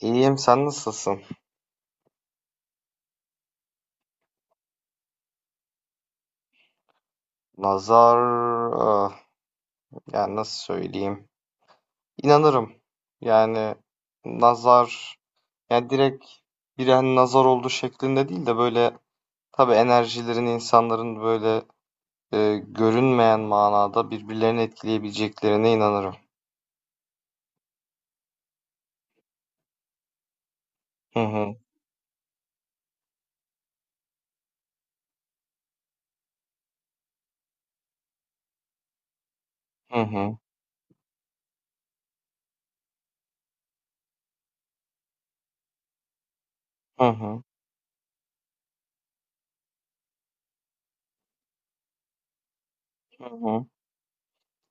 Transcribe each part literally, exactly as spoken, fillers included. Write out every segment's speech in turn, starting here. İyiyim, sen nasılsın? Nazar, ah, yani nasıl söyleyeyim? İnanırım. Yani nazar, yani direkt birine nazar oldu şeklinde değil de böyle tabii enerjilerin insanların böyle e, görünmeyen manada birbirlerini etkileyebileceklerine inanırım. Hı hı, hı hı, hı hı, hı hı.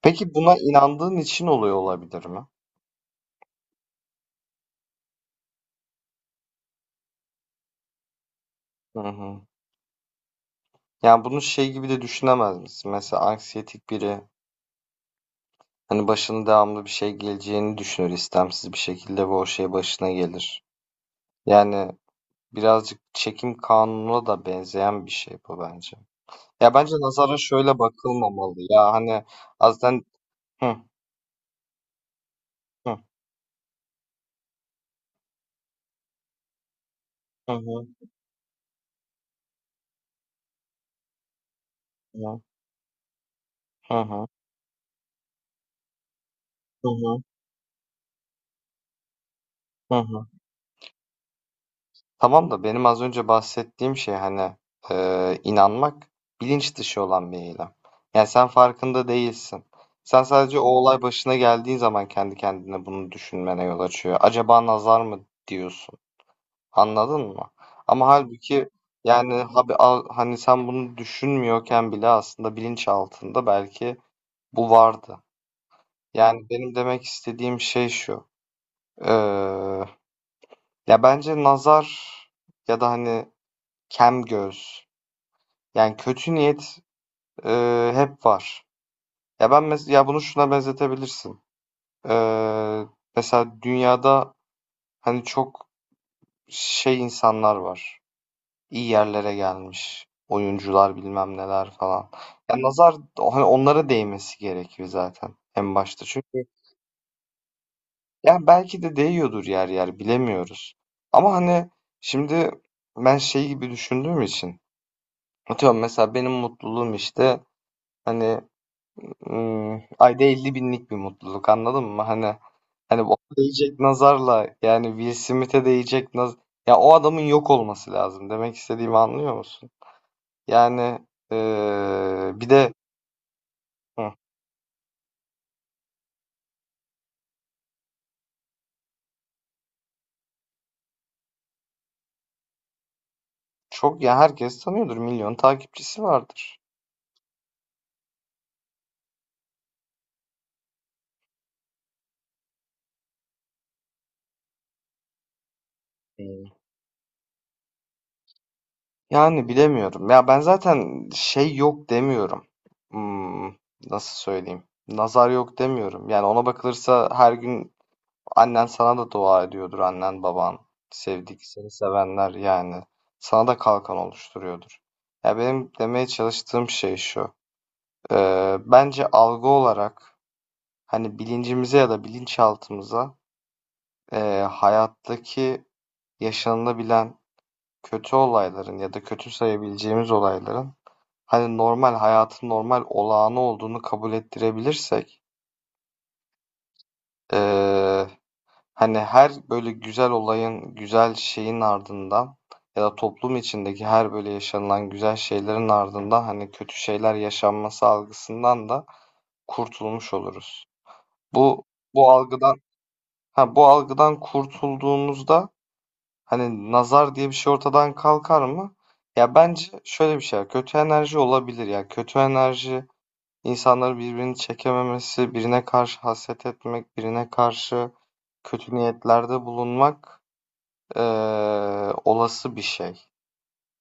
Peki buna inandığın için oluyor olabilir mi? Hı hı. Yani bunu şey gibi de düşünemez misin? Mesela anksiyetik biri, hani başına devamlı bir şey geleceğini düşünür istemsiz bir şekilde ve o şey başına gelir. Yani birazcık çekim kanununa da benzeyen bir şey bu bence. Ya bence nazara şöyle bakılmamalı. Ya hani azden, hı hı hı, hı hı, hı hı, hı hı. Tamam da benim az önce bahsettiğim şey hani, eee, inanmak bilinç dışı olan bir eylem. Yani sen farkında değilsin. Sen sadece o olay başına geldiği zaman kendi kendine bunu düşünmene yol açıyor. Acaba nazar mı diyorsun? Anladın mı? Ama halbuki yani habi- al- hani sen bunu düşünmüyorken bile aslında bilinç altında belki bu vardı. Yani benim demek istediğim şey şu. Eee, Ya bence nazar ya da hani kem göz. Yani kötü niyet, eee, hep var. Ya, ben mes ya, bunu şuna benzetebilirsin. Eee, Mesela dünyada, hani, çok şey insanlar var. İyi yerlere gelmiş oyuncular, bilmem neler falan. Ya, nazar, hani, onlara değmesi gerekiyor zaten en başta. Çünkü yani belki de değiyordur yer yer, bilemiyoruz. Ama, hani, şimdi ben şey gibi düşündüğüm için, atıyorum mesela benim mutluluğum, işte, hani, Iıı, ayda elli binlik bir mutluluk anladın mı? Hani hani ona değecek nazarla yani Will Smith'e değecek naz, ya o adamın yok olması lazım. Demek istediğimi anlıyor musun? Yani eee, bir de hı, çok ya herkes tanıyordur. Milyon takipçisi vardır. Hmm. Yani bilemiyorum. Ya ben zaten şey yok demiyorum. Hmm, nasıl söyleyeyim? Nazar yok demiyorum. Yani ona bakılırsa her gün annen sana da dua ediyordur, annen baban, sevdik seni sevenler yani sana da kalkan oluşturuyordur. Ya benim demeye çalıştığım şey şu. Ee, bence algı olarak hani bilincimize ya da bilinçaltımıza, ee, hayattaki yaşanılabilen kötü olayların ya da kötü sayabileceğimiz olayların hani normal hayatın normal olağanı olduğunu kabul ettirebilirsek, ee, hani her böyle güzel olayın, güzel şeyin ardından ya da toplum içindeki her böyle yaşanılan güzel şeylerin ardından hani kötü şeyler yaşanması algısından da kurtulmuş oluruz. Bu bu algıdan, ha bu algıdan kurtulduğumuzda hani nazar diye bir şey ortadan kalkar mı? Ya bence şöyle bir şey var, kötü enerji olabilir ya. Kötü enerji insanları birbirini çekememesi, birine karşı haset etmek, birine karşı kötü niyetlerde bulunmak, eee, olası bir şey.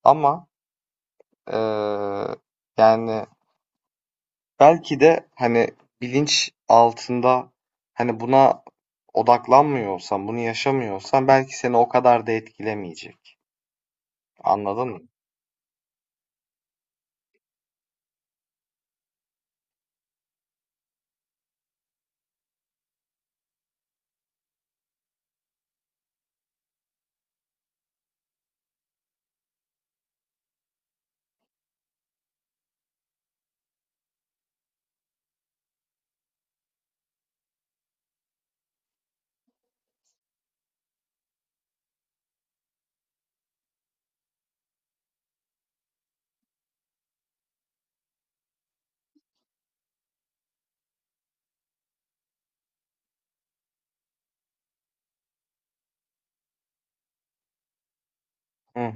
Ama eee, yani belki de hani bilinç altında hani buna odaklanmıyorsan, bunu yaşamıyorsan belki seni o kadar da etkilemeyecek. Anladın mı? Hı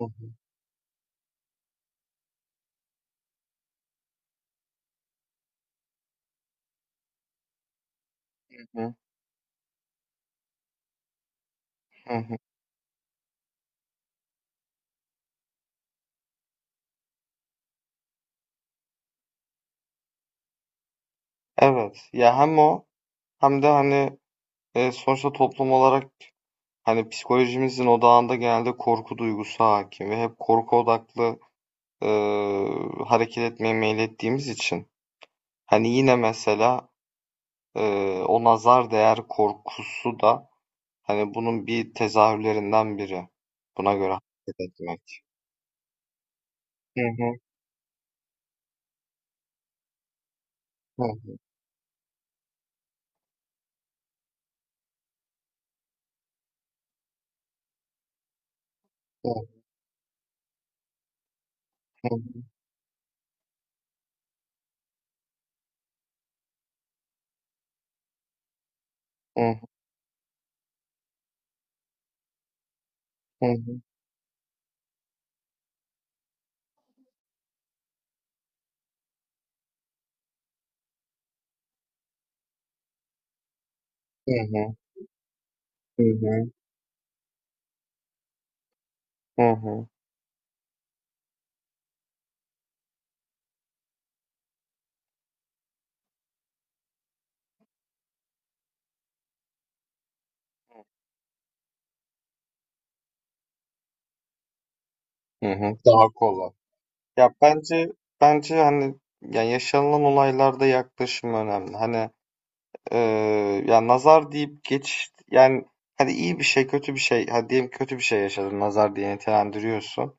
hı, hı hı, hı hı. Evet. Ya hem o hem de hani, e, sonuçta toplum olarak hani psikolojimizin odağında genelde korku duygusu hakim ve hep korku odaklı, e, hareket etmeye meylettiğimiz için, hani yine mesela, eee, o nazar değer korkusu da hani bunun bir tezahürlerinden biri. Buna göre hareket etmek. Hı hı. Hı hı. Hı hı. Hı hı. Hı hı. Hı hı. Hı hı. Daha kolay. Ya bence bence hani yani yaşanılan olaylarda yaklaşım önemli. Hani, eee, ya nazar deyip geç yani, hani iyi bir şey, kötü bir şey, hadi diyelim kötü bir şey yaşadın, nazar diye nitelendiriyorsun.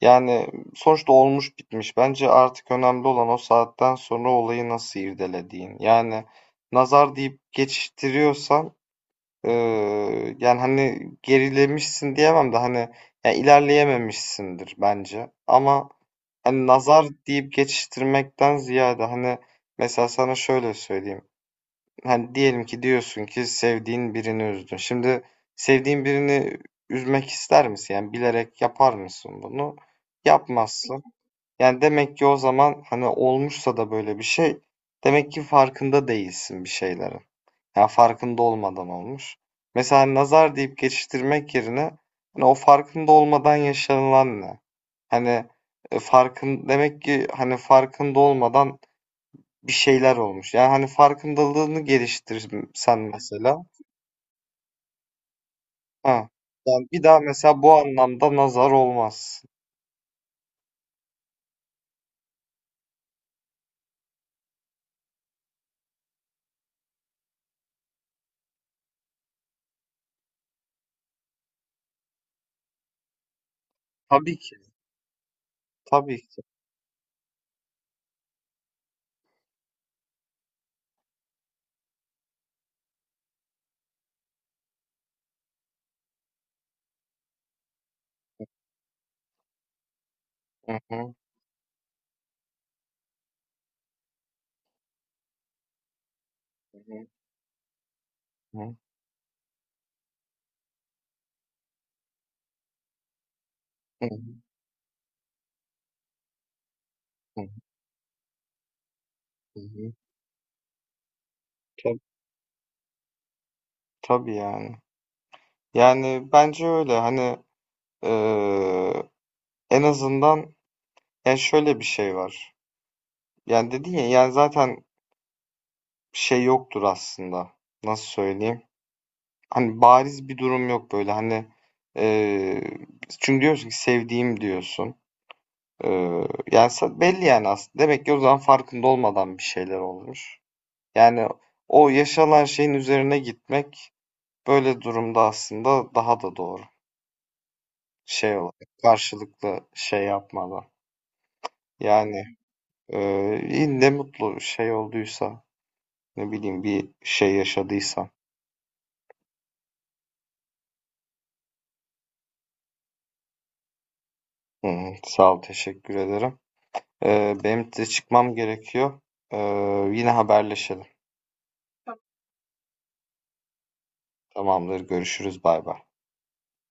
Yani, sonuçta olmuş bitmiş. Bence artık önemli olan o saatten sonra olayı nasıl irdelediğin. Yani nazar deyip geçiştiriyorsan, eee, yani, hani, gerilemişsin diyemem de, hani, ya, ilerleyememişsindir bence. Ama, hani, nazar deyip geçiştirmekten ziyade, hani, mesela sana şöyle söyleyeyim. Hani, diyelim ki diyorsun ki sevdiğin birini üzdün. Şimdi sevdiğin birini üzmek ister misin? Yani bilerek yapar mısın bunu? Yapmazsın. Yani, demek ki o zaman, hani, olmuşsa da böyle bir şey, demek ki farkında değilsin bir şeylerin. Yani farkında olmadan olmuş. Mesela nazar deyip geçiştirmek yerine, hani, o farkında olmadan yaşanılan ne? Hani, eee, farkın demek ki, hani, farkında olmadan bir şeyler olmuş. Yani, hani, farkındalığını geliştirsen mesela. Ha. Yani, bir daha mesela bu anlamda nazar olmaz. Tabii ki, tabii ki. Hı hı. Hı hı. Hı hı. Hı hı. Hı hı. Tabii yani. Yani bence öyle hani, eee, en azından yani şöyle bir şey var. Yani dedin ya yani zaten şey yoktur aslında. Nasıl söyleyeyim? Hani bariz bir durum yok böyle hani, eee, çünkü diyorsun ki sevdiğim diyorsun. Eee, Yani sa- belli yani aslında. Demek ki o zaman farkında olmadan bir şeyler olmuş. Yani o yaşanan şeyin üzerine gitmek böyle durumda aslında daha da doğru. Şey olarak karşılıklı şey yapmadan. Yani eee, iyi, ne mutlu şey olduysa, ne bileyim bir şey yaşadıysa. Hı, sağ ol, teşekkür ederim. Eee, benim de çıkmam gerekiyor. Eee, yine haberleşelim. Tamamdır, görüşürüz, bay bay.